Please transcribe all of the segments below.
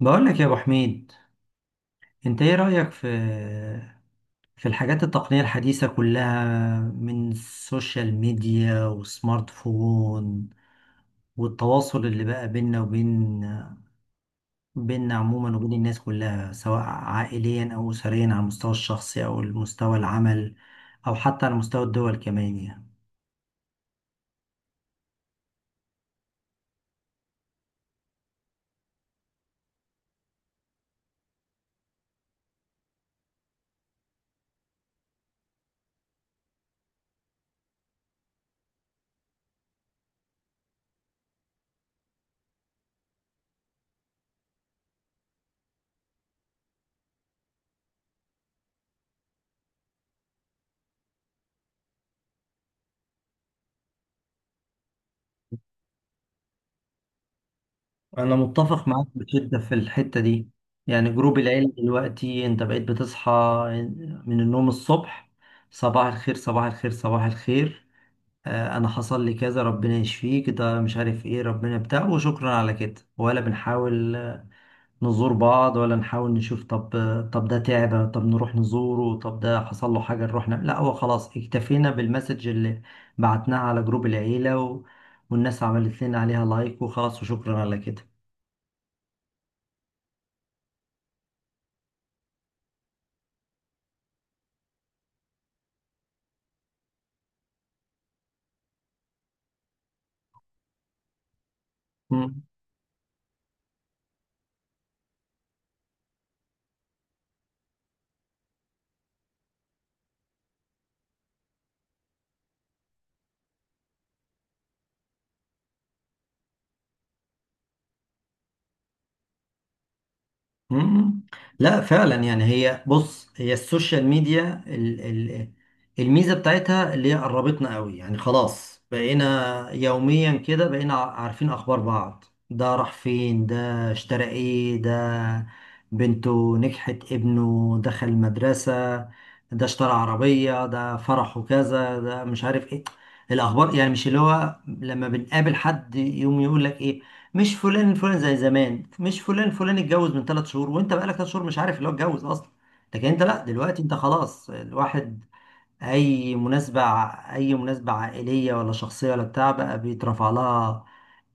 بقول لك يا ابو حميد، انت ايه رايك في الحاجات التقنيه الحديثه كلها؟ من السوشيال ميديا والسمارت فون والتواصل اللي بقى بيننا عموما وبين الناس كلها، سواء عائليا او اسريا، على المستوى الشخصي او المستوى العمل، او حتى على مستوى الدول كمان يعني. أنا متفق معاك بشدة في الحتة دي. يعني جروب العيلة دلوقتي، أنت بقيت بتصحى من النوم الصبح، صباح الخير صباح الخير صباح الخير. أنا حصل لي كذا، ربنا يشفيك، ده مش عارف إيه، ربنا بتاع وشكرا على كده. ولا بنحاول نزور بعض، ولا نحاول نشوف، طب طب ده تعب، طب نروح نزوره، طب ده حصل له حاجة نروح نعمل، لا هو خلاص اكتفينا بالمسج اللي بعتناه على جروب العيلة و... والناس عملت لنا عليها لايك وخلاص وشكرا على كده. مم. لا فعلا يعني، هي بص هي السوشيال ميديا ال ال الميزة بتاعتها اللي هي قربتنا قوي، يعني خلاص بقينا يوميا كده، بقينا عارفين أخبار بعض. ده راح فين، ده اشترى ايه، ده بنته نجحت، ابنه دخل مدرسة، ده اشترى عربية، ده فرحه كذا، ده مش عارف ايه الأخبار يعني. مش اللي هو لما بنقابل حد يوم يقول لك ايه، مش فلان فلان زي زمان، مش فلان فلان اتجوز من ثلاث شهور وانت بقالك ثلاث شهور مش عارف اللي هو اتجوز اصلا. لكن انت لا، دلوقتي انت خلاص، الواحد اي مناسبة، اي مناسبة عائلية ولا شخصية ولا بتاع، بقى بيترفع لها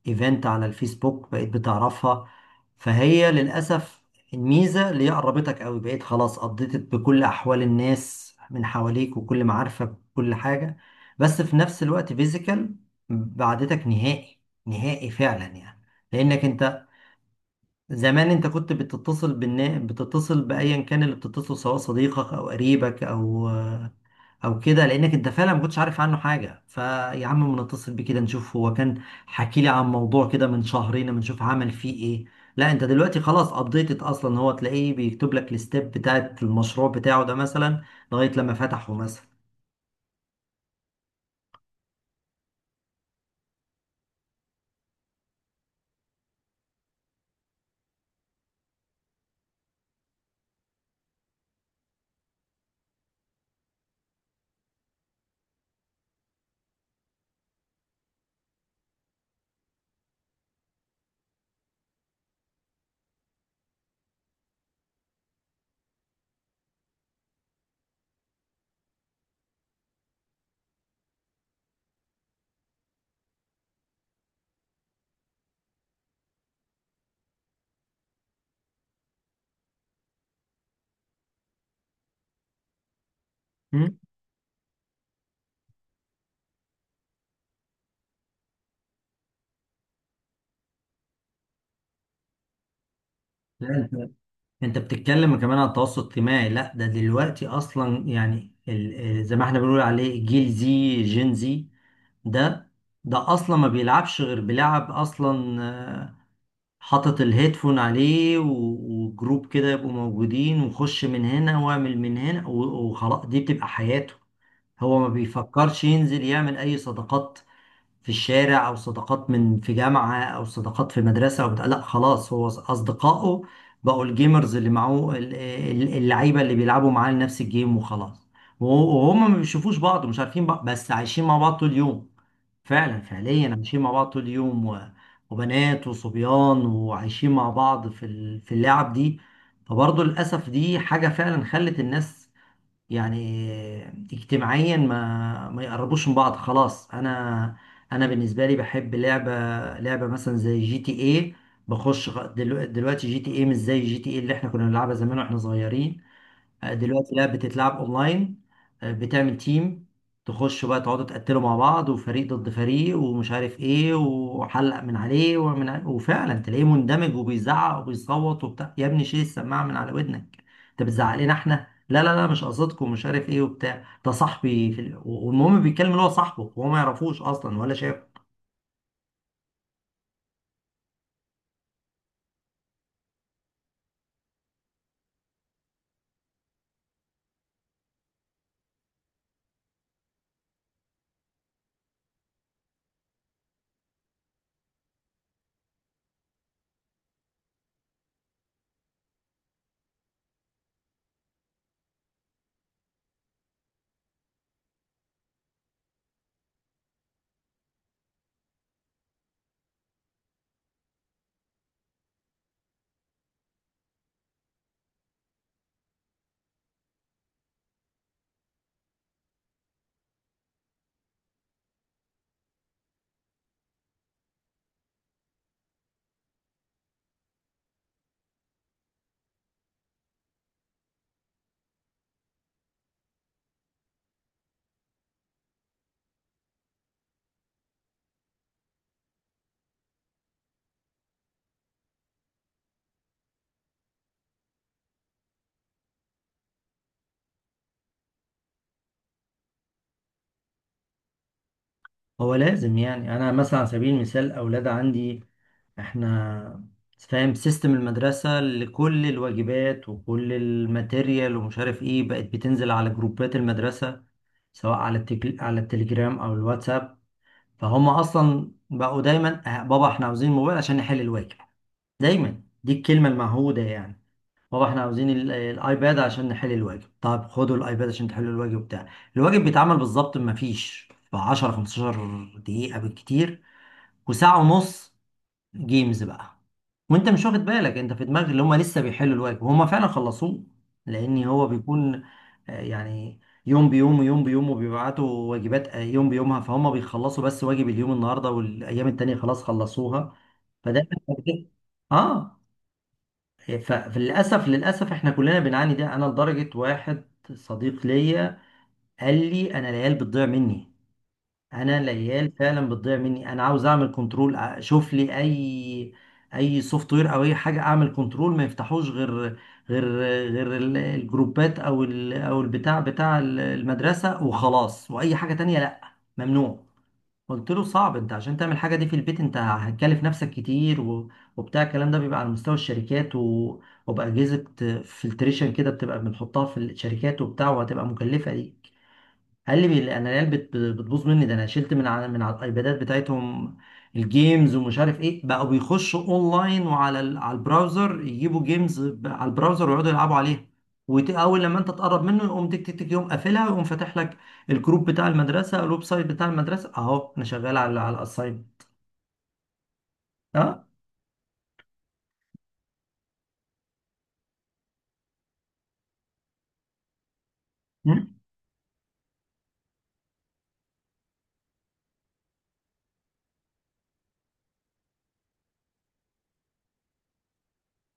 ايفنت على الفيسبوك بقيت بتعرفها. فهي للأسف الميزة اللي هي قربتك قوي، بقيت خلاص قضيت بكل أحوال الناس من حواليك وكل معارفك وكل حاجة، بس في نفس الوقت فيزيكال بعدتك نهائي، نهائي فعلا يعني. لأنك أنت زمان، انت كنت بتتصل بايا كان اللي بتتصل، سواء صديقك او قريبك او او كده، لانك انت فعلا ما كنتش عارف عنه حاجه، فيا عم ما نتصل بيه كده نشوف، هو كان حكي لي عن موضوع كده من شهرين، ما نشوف عمل فيه ايه. لا انت دلوقتي خلاص ابديتد اصلا، هو تلاقيه بيكتب لك الستيب بتاعت المشروع بتاعه ده مثلا، لغايه لما فتحه مثلا. مم؟ لا، انت بتتكلم كمان عن التواصل الاجتماعي. لا ده دلوقتي اصلا، يعني زي ما احنا بنقول عليه جيل زي جين زي. ده ده اصلا ما بيلعبش غير بيلعب اصلا. حاطط الهيدفون عليه و- وجروب كده يبقوا موجودين، وخش من هنا واعمل من هنا و- وخلاص، دي بتبقى حياته. هو ما بيفكرش ينزل يعمل اي صداقات في الشارع، او صداقات من في جامعه، او صداقات في مدرسه او بتاع. لا خلاص، هو اصدقائه بقوا الجيمرز اللي معاه، اللعيبه اللي بيلعبوا معاه نفس الجيم وخلاص. وه- وهم ما بيشوفوش بعض ومش عارفين بعض، بس عايشين مع بعض طول اليوم، فعلا فعليا عايشين مع بعض طول اليوم و... وبنات وصبيان وعايشين مع بعض في ال... في اللعب دي. فبرضه للأسف دي حاجة فعلا خلت الناس يعني اجتماعيا ما يقربوش من بعض خلاص. انا انا بالنسبه لي بحب لعبه، لعبه مثلا زي جي تي اي. بخش دلوقتي جي تي اي مش زي جي تي اي اللي احنا كنا بنلعبها زمان واحنا صغيرين. دلوقتي لا بتتلعب اونلاين. بتعمل تيم، تخشوا بقى تقعدوا تقتلوا مع بعض، وفريق ضد فريق ومش عارف ايه، وحلق من عليه وفعلا تلاقيه مندمج وبيزعق وبيصوت وبتاع. يا ابني شيل السماعه من على ودنك، انت بتزعق لنا احنا؟ لا لا لا مش قصدكم مش عارف ايه وبتاع، ده صاحبي في ال... والمهم، بيتكلم اللي هو صاحبه وهو ما يعرفوش اصلا ولا شايف. هو لازم، يعني انا مثلا على سبيل المثال اولاد عندي، احنا فاهم سيستم المدرسة لكل الواجبات وكل الماتيريال ومش عارف ايه، بقت بتنزل على جروبات المدرسة، سواء على على التليجرام او الواتساب. فهم اصلا بقوا دايما بابا احنا عاوزين موبايل عشان نحل الواجب"، دايما دي الكلمة المعهودة يعني. بابا احنا عاوزين الايباد عشان نحل الواجب، طب خدوا الايباد عشان تحلوا الواجب بتاع. الواجب بيتعمل بالظبط، ما فيش ب 10 15 دقيقة بالكتير، وساعة ونص جيمز بقى، وانت مش واخد بالك، انت في دماغك اللي هم لسه بيحلوا الواجب وهم فعلا خلصوه. لان هو بيكون يعني يوم بيوم ويوم بيوم، وبيبعتوا واجبات يوم بيومها، فهم بيخلصوا بس واجب اليوم النهارده، والايام التانية خلاص خلصوها. فده اه. فللاسف للاسف احنا كلنا بنعاني ده، انا لدرجه واحد صديق ليا قال لي انا العيال بتضيع مني، انا العيال فعلا بتضيع مني، انا عاوز اعمل كنترول، اشوف لي اي اي سوفت وير او اي حاجه اعمل كنترول، ما يفتحوش غير غير غير الجروبات او او البتاع بتاع المدرسه وخلاص، واي حاجه تانية لا ممنوع. قلت له صعب انت عشان تعمل حاجه دي في البيت، انت هتكلف نفسك كتير و... وبتاع، الكلام ده بيبقى على مستوى الشركات و... وبأجهزة فلتريشن كده، بتبقى بنحطها في الشركات وبتاع، وهتبقى مكلفة دي. قال لي انا العيال بتبوظ مني، ده انا شلت من على من على الايبادات بتاعتهم الجيمز ومش عارف ايه، بقوا بيخشوا اونلاين وعلى على البراوزر يجيبوا جيمز ب- على البراوزر ويقعدوا يلعبوا عليها. واول لما انت تقرب منه يقوم تك تك تك، يقوم قافلها ويقوم فاتح لك الجروب بتاع المدرسه، الويب سايت بتاع المدرسه، اهو انا شغال على على الاساين. اه. مم.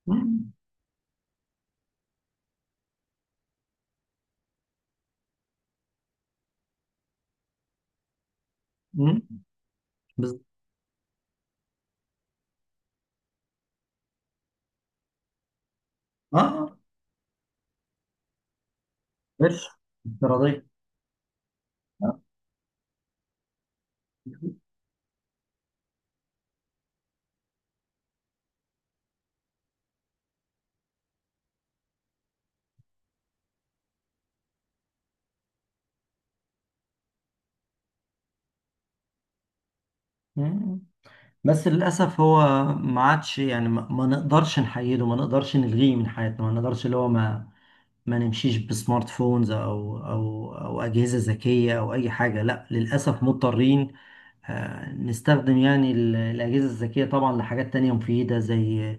مم. مم. بز- اه. قرش، افتراضيه. آه. مم. بس للأسف هو ما عادش، يعني ما نقدرش نحيده، ما نقدرش نلغيه من حياتنا، ما نقدرش اللي هو ما ما نمشيش بسمارت فونز أو أجهزة ذكية أو أي حاجة. لا للأسف مضطرين نستخدم يعني الأجهزة الذكية طبعا لحاجات تانية مفيدة، زي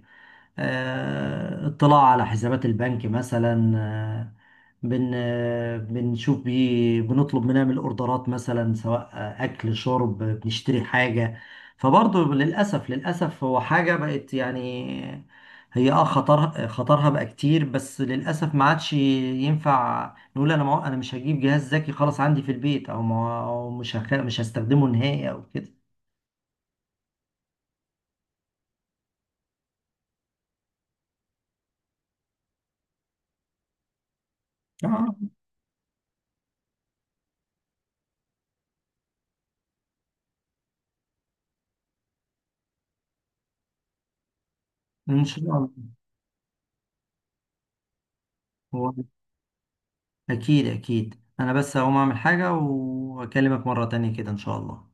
اطلاع على حسابات البنك مثلا، آه، بن آه، بنشوف بيه، بنطلب، بنعمل اوردرات مثلا، سواء اكل شرب، بنشتري حاجة. فبرضه للأسف للأسف هو حاجة بقت يعني هي اه خطر، خطرها بقى كتير، بس للأسف ما عادش ينفع نقول انا ما انا مش هجيب جهاز ذكي خلاص عندي في البيت، او ما أو مش هستخدمه نهائي او كده. آه. ان شاء الله. اكيد اكيد، انا بس هقوم اعمل حاجة واكلمك مرة تانية كده ان شاء الله.